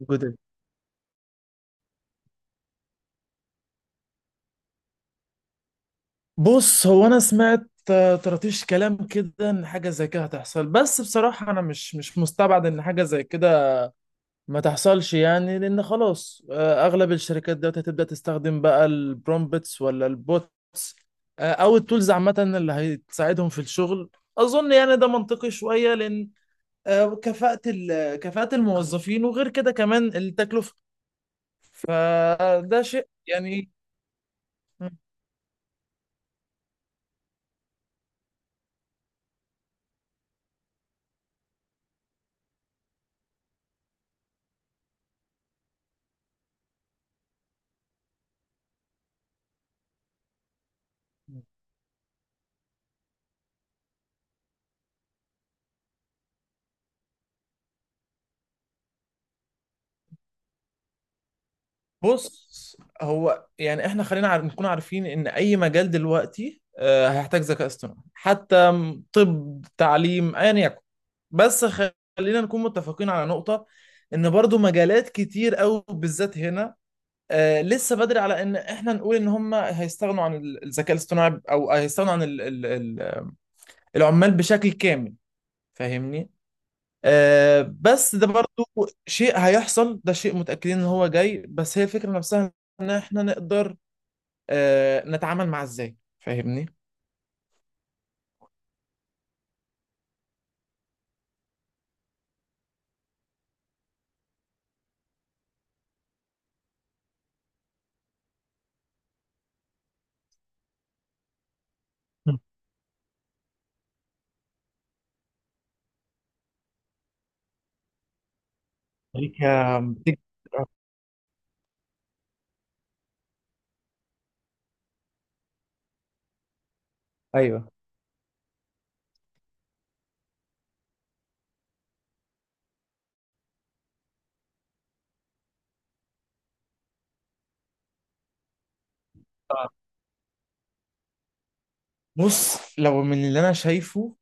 جدد. بص، هو انا سمعت طرطيش كلام كده ان حاجه زي كده هتحصل. بس بصراحه انا مش مستبعد ان حاجه زي كده ما تحصلش يعني، لان خلاص اغلب الشركات دلوقتي هتبدا تستخدم بقى البرومبتس ولا البوتس، او التولز عامه اللي هتساعدهم في الشغل. اظن يعني ده منطقي شويه لان كفاءه الموظفين، وغير كده كمان التكلفه. فده شيء يعني. بص، هو يعني احنا خلينا نكون عارفين ان اي مجال دلوقتي هيحتاج ذكاء اصطناعي، حتى طب تعليم ايا يكن. بس خلينا نكون متفقين على نقطة، ان برضو مجالات كتير قوي بالذات هنا لسه بدري على ان احنا نقول ان هم هيستغنوا عن الذكاء الاصطناعي، او هيستغنوا عن العمال بشكل كامل. فاهمني؟ بس ده برضو شيء هيحصل، ده شيء متأكدين ان هو جاي. بس هي الفكرة نفسها، ان احنا نقدر نتعامل معاه ازاي. فاهمني؟ مم. امريكا ايوه. آه. بص، لو من اللي انا شايفه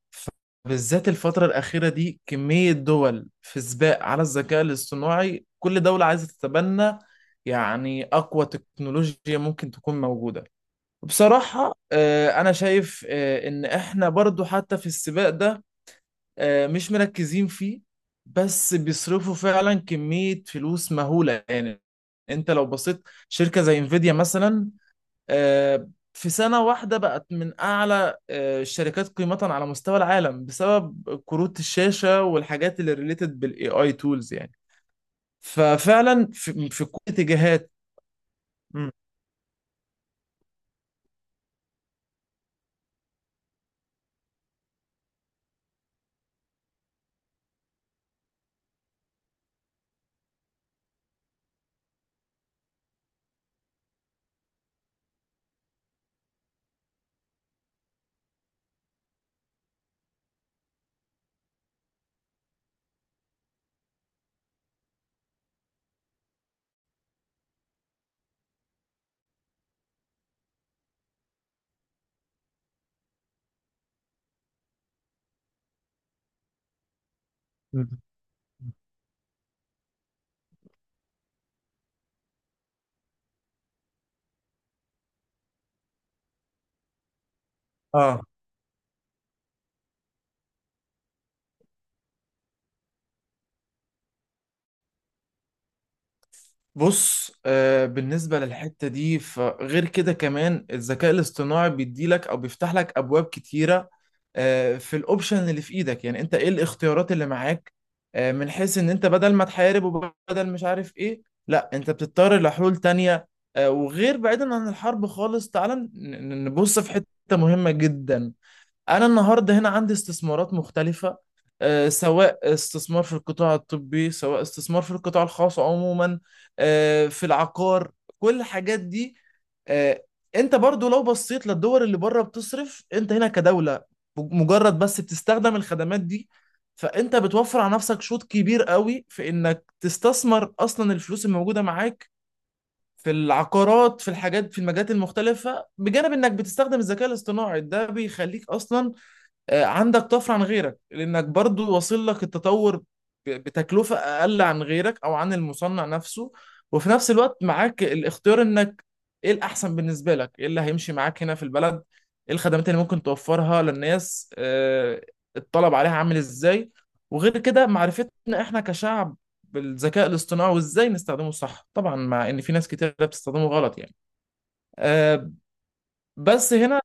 بالذات الفترة الأخيرة دي، كمية دول في سباق على الذكاء الاصطناعي، كل دولة عايزة تتبنى يعني أقوى تكنولوجيا ممكن تكون موجودة. بصراحة أنا شايف إن إحنا برضو حتى في السباق ده مش مركزين فيه، بس بيصرفوا فعلا كمية فلوس مهولة يعني. انت لو بصيت شركة زي انفيديا مثلا، في سنة واحدة بقت من أعلى الشركات قيمة على مستوى العالم بسبب كروت الشاشة والحاجات اللي ريليتد بالاي اي تولز يعني. ففعلا في كل اتجاهات. مم. مم. اه. بص، بالنسبة للحتة دي، فغير كده كمان الذكاء الاصطناعي بيديلك أو بيفتح لك أبواب كتيرة في الأوبشن اللي في إيدك. يعني أنت إيه الاختيارات اللي معاك؟ من حيث إن أنت بدل ما تحارب وبدل مش عارف إيه، لا، أنت بتضطر لحلول تانية. وغير بعيدا عن الحرب خالص، تعال نبص في حتة مهمة جدا. انا النهارده هنا عندي استثمارات مختلفه، سواء استثمار في القطاع الطبي، سواء استثمار في القطاع الخاص عموما، في العقار، كل الحاجات دي. آه، انت برضو لو بصيت للدول اللي بره بتصرف، انت هنا كدولة مجرد بس بتستخدم الخدمات دي، فانت بتوفر على نفسك شوط كبير قوي في انك تستثمر اصلا الفلوس الموجودة معاك في العقارات، في الحاجات، في المجالات المختلفة، بجانب انك بتستخدم الذكاء الاصطناعي. ده بيخليك اصلا عندك طفره عن غيرك، لانك برضو واصل لك التطور بتكلفه اقل عن غيرك او عن المصنع نفسه. وفي نفس الوقت معاك الاختيار انك ايه الاحسن بالنسبه لك، ايه اللي هيمشي معاك هنا في البلد، ايه الخدمات اللي ممكن توفرها للناس، الطلب عليها عامل ازاي. وغير كده معرفتنا احنا كشعب بالذكاء الاصطناعي وازاي نستخدمه صح، طبعا مع ان في ناس كتير بتستخدمه غلط يعني. آه، بس هنا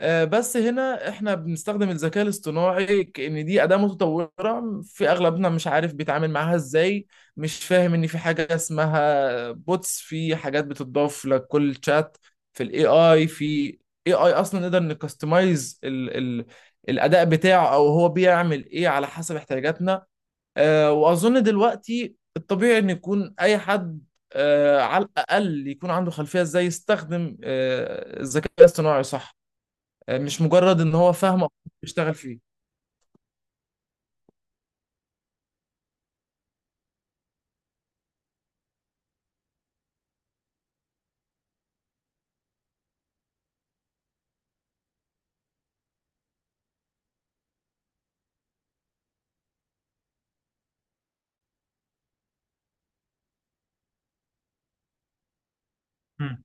بس هنا احنا بنستخدم الذكاء الاصطناعي كأن دي أداة متطورة، في أغلبنا مش عارف بيتعامل معاها ازاي. مش فاهم إن في حاجة اسمها بوتس، في حاجات بتضاف لكل شات في الاي اي. في اي اي اصلا نقدر نكستمايز ال الاداء بتاعه، او هو بيعمل ايه على حسب احتياجاتنا. واظن دلوقتي الطبيعي ان يكون اي حد على الاقل يكون عنده خلفيه ازاي يستخدم الذكاء الاصطناعي صح، مش مجرد ان هو فاهم أو بيشتغل فيه. مم.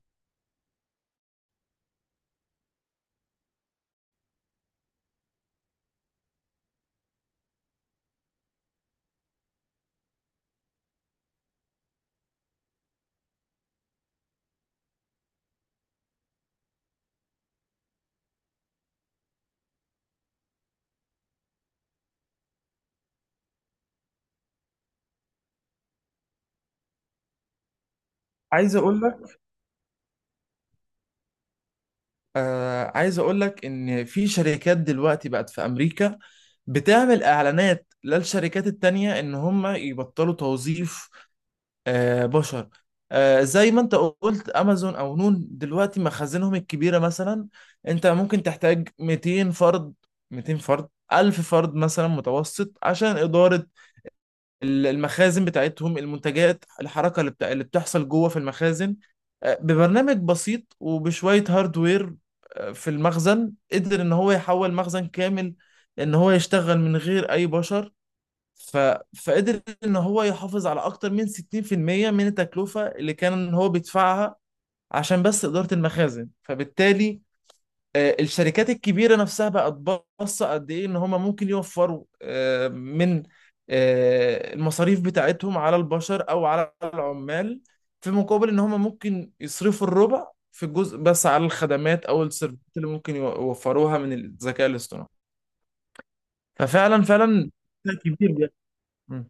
عايز اقول لك عايز اقول لك ان في شركات دلوقتي بقت في امريكا بتعمل اعلانات للشركات التانية ان هم يبطلوا توظيف بشر. زي ما انت قلت، امازون او نون دلوقتي مخازنهم الكبيرة مثلا، انت ممكن تحتاج 200 فرد، 200 فرد، 1000 فرد مثلا متوسط، عشان إدارة المخازن بتاعتهم، المنتجات، الحركة اللي بتاع اللي بتحصل جوه في المخازن. ببرنامج بسيط وبشوية هاردوير في المخزن، قدر ان هو يحول مخزن كامل ان هو يشتغل من غير اي بشر. ف... فقدر ان هو يحافظ على اكتر من 60% من التكلفة اللي كان هو بيدفعها عشان بس إدارة المخازن. فبالتالي الشركات الكبيرة نفسها بقت باصة قد إيه إن هما ممكن يوفروا من المصاريف بتاعتهم على البشر أو على العمال، في مقابل إن هما ممكن يصرفوا الربع في الجزء بس على الخدمات أو السيرفيسات اللي ممكن يوفروها من الذكاء الاصطناعي. ففعلا فعلا ده كبير جدا. م-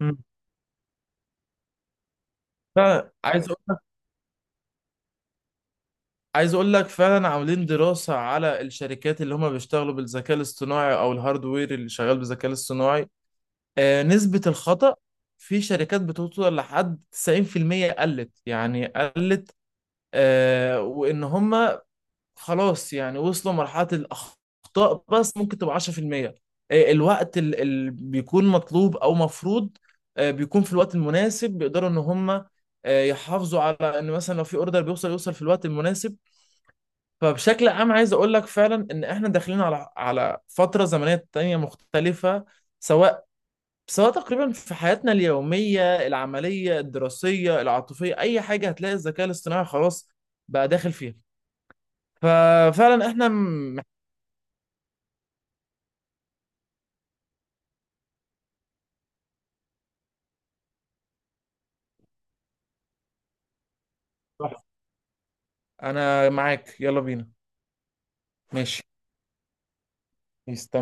م. فعايز أقول لك فعلا، عاملين دراسة على الشركات اللي هما بيشتغلوا بالذكاء الاصطناعي أو الهاردوير اللي شغال بالذكاء الاصطناعي، نسبة الخطأ في شركات بتوصل لحد 90% قلت يعني قلت. وإن هم خلاص يعني وصلوا مرحلة الأخطاء بس ممكن تبقى 10%. الوقت اللي بيكون مطلوب أو مفروض بيكون في الوقت المناسب، بيقدروا إن هم يحافظوا على إن مثلا لو في أوردر بيوصل يوصل في الوقت المناسب. فبشكل عام عايز أقول لك فعلا إن إحنا داخلين على فترة زمنية تانية مختلفة، سواء بس هو تقريبا في حياتنا اليومية، العملية، الدراسية، العاطفية، أي حاجة هتلاقي الذكاء الاصطناعي خلاص بقى داخل فيها. ففعلا احنا أنا معاك، يلا بينا. ماشي. يستمر.